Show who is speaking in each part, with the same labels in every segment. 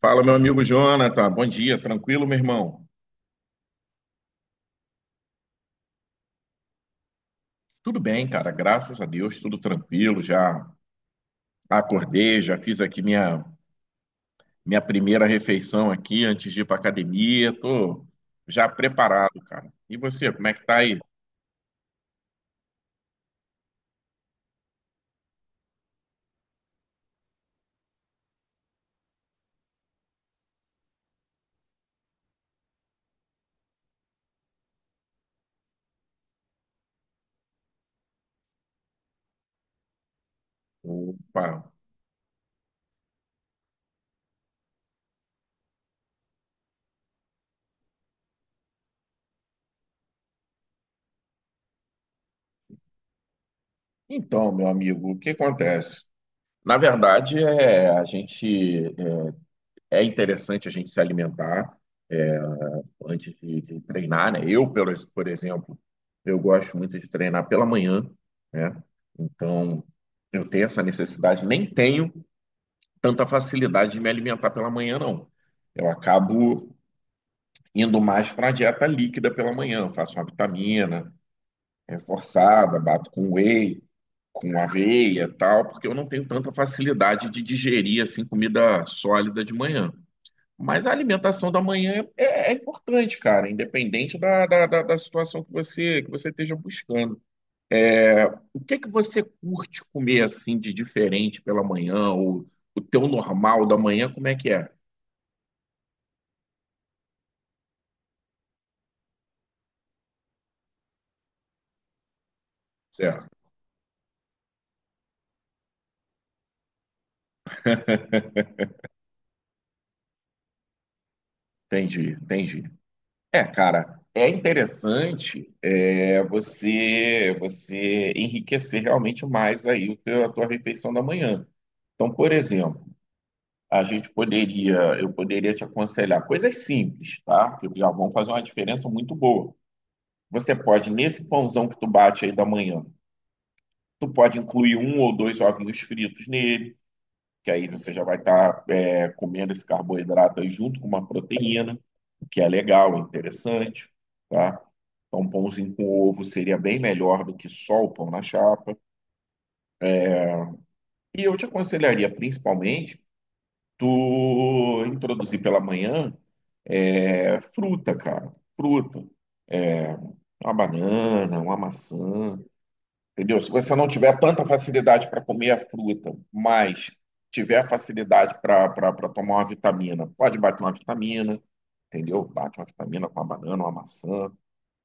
Speaker 1: Fala, meu amigo Jonathan. Bom dia, tranquilo, meu irmão? Tudo bem, cara, graças a Deus, tudo tranquilo. Já acordei, já fiz aqui minha primeira refeição aqui antes de ir para academia. Tô já preparado, cara. E você, como é que tá aí? Opa. Então, meu amigo, o que acontece? Na verdade, a gente é interessante a gente se alimentar. é, antes de treinar, né? Por exemplo, eu gosto muito de treinar pela manhã, né? Então, eu tenho essa necessidade, nem tenho tanta facilidade de me alimentar pela manhã, não. Eu acabo indo mais para a dieta líquida pela manhã. Eu faço uma vitamina reforçada, bato com whey, com aveia, e tal, porque eu não tenho tanta facilidade de digerir assim comida sólida de manhã. Mas a alimentação da manhã é importante, cara, independente da situação que você esteja buscando. O que que você curte comer assim de diferente pela manhã, ou o teu normal da manhã, como é que é? Certo, entendi, entendi. É, cara, é interessante, você enriquecer realmente mais aí a tua refeição da manhã. Então, por exemplo, a gente poderia, eu poderia te aconselhar coisas simples, tá? Que já vão fazer uma diferença muito boa. Você pode, nesse pãozão que tu bate aí da manhã, tu pode incluir um ou dois ovinhos fritos nele, que aí você já vai estar comendo esse carboidrato aí junto com uma proteína, o que é legal, é interessante, tá? Então, um pãozinho com ovo seria bem melhor do que só o pão na chapa. E eu te aconselharia, principalmente, tu introduzir pela manhã, fruta, cara. Fruta. Uma banana, uma maçã, entendeu? Se você não tiver tanta facilidade para comer a fruta, mas tiver facilidade para tomar uma vitamina, pode bater uma vitamina, entendeu? Bate uma vitamina com uma banana, uma maçã.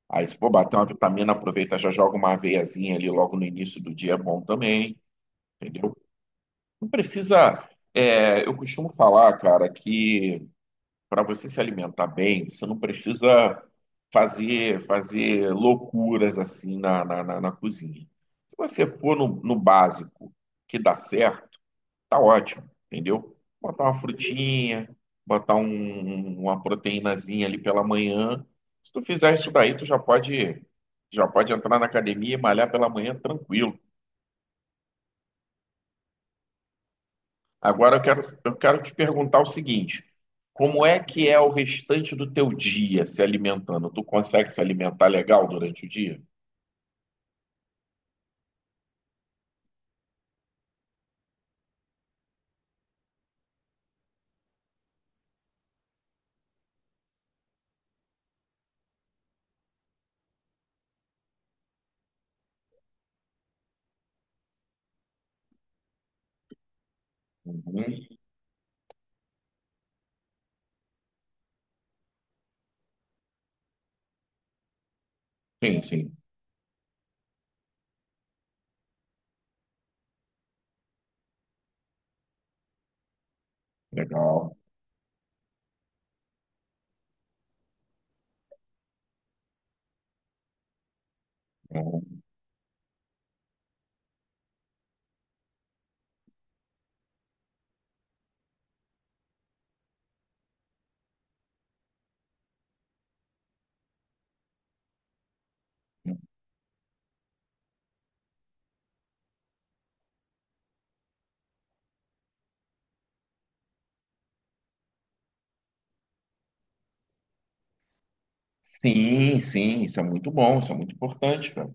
Speaker 1: Aí, se for bater uma vitamina, aproveita, já joga uma aveiazinha ali logo no início do dia, é bom também, entendeu? Não precisa. Eu costumo falar, cara, que para você se alimentar bem, você não precisa fazer loucuras assim na cozinha. Se você for no básico que dá certo, tá ótimo, entendeu? Botar uma frutinha, botar um- uma proteínazinha ali pela manhã. Se tu fizer isso daí, tu já pode entrar na academia e malhar pela manhã tranquilo. Agora eu quero te perguntar o seguinte: como é que é o restante do teu dia se alimentando? Tu consegue se alimentar legal durante o dia? Uhum. Sim, sim. Legal. Uhum. Sim, sim, isso é muito bom, isso é muito importante, cara.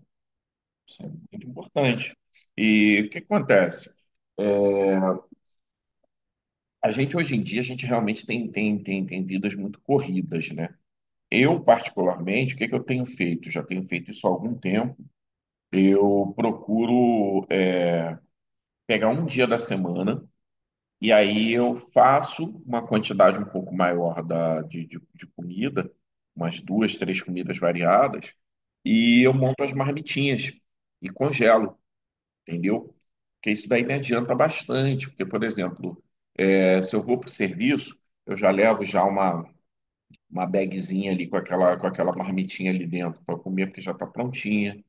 Speaker 1: Isso é muito importante. E o que acontece? A gente hoje em dia, a gente realmente tem vidas muito corridas, né? Eu, particularmente, o que é que eu tenho feito? Já tenho feito isso há algum tempo. Eu procuro pegar um dia da semana e aí eu faço uma quantidade um pouco maior de comida, umas duas, três comidas variadas, e eu monto as marmitinhas e congelo, entendeu? Porque isso daí me adianta bastante, porque, por exemplo, eh, se eu vou para o serviço, eu já levo já uma bagzinha ali com aquela marmitinha ali dentro para comer, porque já está prontinha.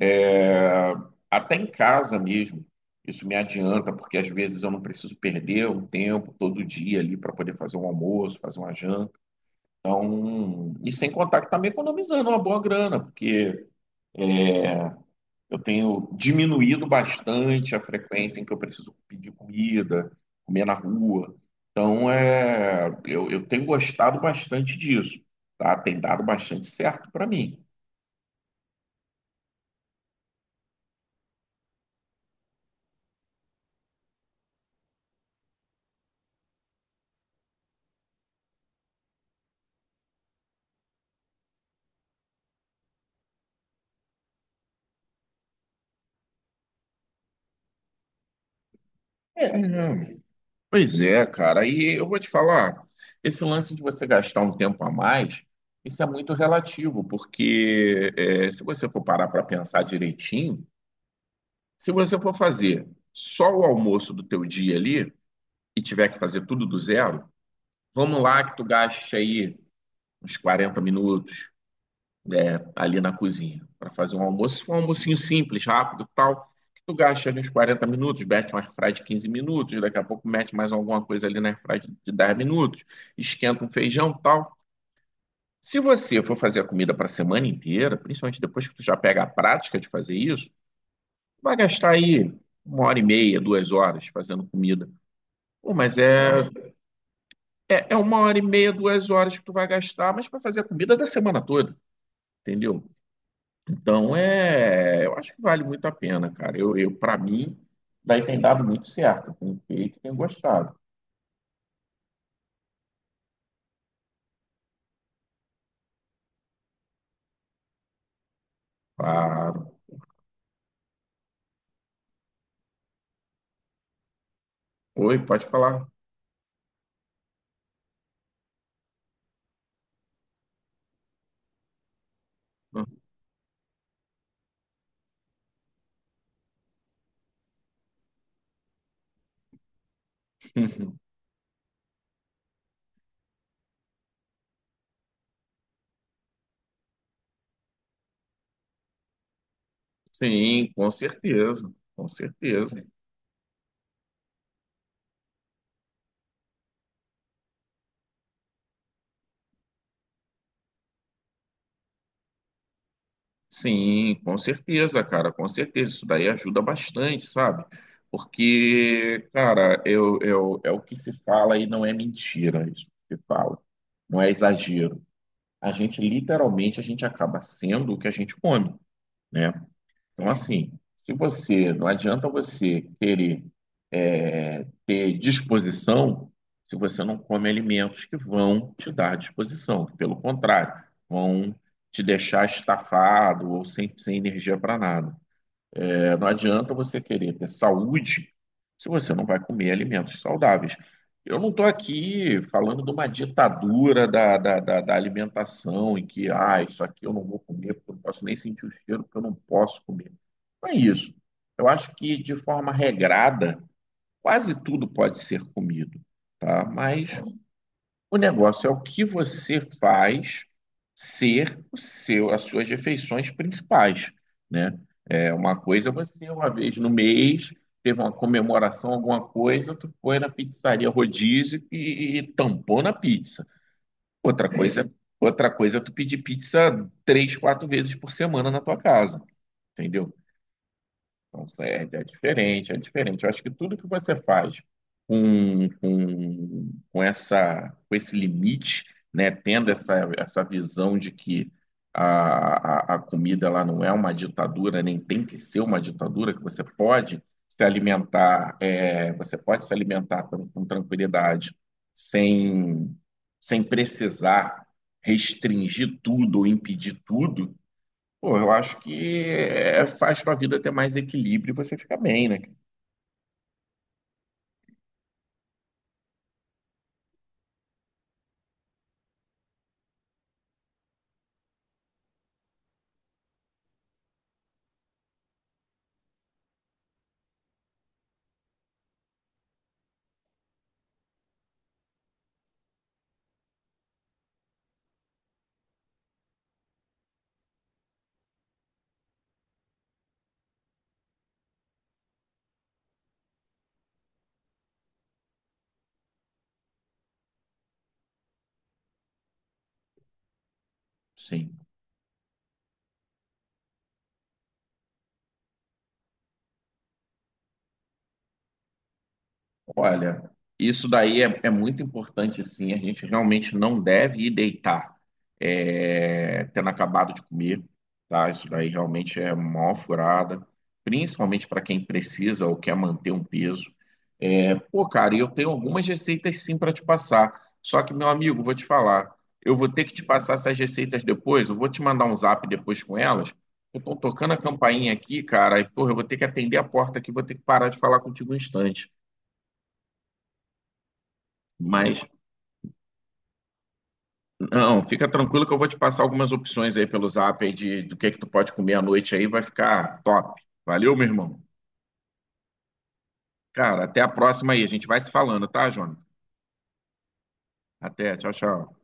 Speaker 1: É, até em casa mesmo, isso me adianta, porque às vezes eu não preciso perder um tempo todo dia ali para poder fazer um almoço, fazer uma janta. Então, e sem contar que está me economizando uma boa grana, porque eu tenho diminuído bastante a frequência em que eu preciso pedir comida, comer na rua. Então, eu tenho gostado bastante disso, tá? Tem dado bastante certo para mim. É, Pois é, cara. E eu vou te falar, esse lance de você gastar um tempo a mais, isso é muito relativo, porque se você for parar para pensar direitinho, se você for fazer só o almoço do teu dia ali e tiver que fazer tudo do zero, vamos lá que tu gaste aí uns 40 minutos, ali na cozinha para fazer um almoço, um almocinho simples, rápido, tal, que tu gasta ali uns 40 minutos, mete um airfry de 15 minutos, daqui a pouco mete mais alguma coisa ali na airfry de 10 minutos, esquenta um feijão, tal. Se você for fazer a comida para a semana inteira, principalmente depois que tu já pega a prática de fazer isso, vai gastar aí uma hora e meia, 2 horas fazendo comida. Pô, mas é, é, é uma hora e meia, 2 horas que tu vai gastar, mas para fazer a comida da semana toda, entendeu? Então, é, eu acho que vale muito a pena, cara. Eu para mim, daí tem dado muito certo. Eu tenho feito, e tenho gostado. Claro. Oi, pode falar. Sim, com certeza, com certeza. Sim, com certeza, cara, com certeza. Isso daí ajuda bastante, sabe? Porque, cara, é o que se fala e não é mentira isso que se fala. Não é exagero. A gente, literalmente, a gente acaba sendo o que a gente come, né? Então, assim, se você, não adianta você querer, ter disposição se você não come alimentos que vão te dar disposição, que, pelo contrário, vão te deixar estafado ou sem energia para nada. Não adianta você querer ter saúde se você não vai comer alimentos saudáveis. Eu não estou aqui falando de uma ditadura da alimentação, em que, ah, isso aqui eu não vou comer, porque eu não posso nem sentir o cheiro, porque eu não posso comer. Não é isso. Eu acho que, de forma regrada, quase tudo pode ser comido, tá? Mas o negócio é o que você faz ser o seu, as suas refeições principais, né? É uma coisa você, uma vez no mês, teve uma comemoração, alguma coisa, tu foi na pizzaria rodízio e tampou na pizza. Outra coisa, outra coisa é tu pedir pizza três, quatro vezes por semana na tua casa, entendeu? Não serve, é diferente, é diferente. Eu acho que tudo que você faz com essa, com esse limite, né, tendo essa visão de que a comida ela não é uma ditadura, nem tem que ser uma ditadura, que você pode se alimentar, você pode se alimentar com tranquilidade, sem, sem precisar restringir tudo ou impedir tudo. Pô, eu acho que é, faz sua vida ter mais equilíbrio e você fica bem, né, cara? Sim. Olha, isso daí é muito importante, sim. A gente realmente não deve ir deitar, tendo acabado de comer, tá? Isso daí realmente é mó furada, principalmente para quem precisa ou quer manter um peso. É, pô, cara, e eu tenho algumas receitas sim para te passar. Só que, meu amigo, vou te falar, eu vou ter que te passar essas receitas depois. Eu vou te mandar um zap depois com elas. Eu estou tocando a campainha aqui, cara, e, porra, eu vou ter que atender a porta aqui, vou ter que parar de falar contigo um instante. Mas Não, fica tranquilo que eu vou te passar algumas opções aí pelo Zap aí de do que tu pode comer à noite aí, vai ficar top. Valeu, meu irmão. Cara, até a próxima aí, a gente vai se falando, tá, Jônio? Até, tchau, tchau.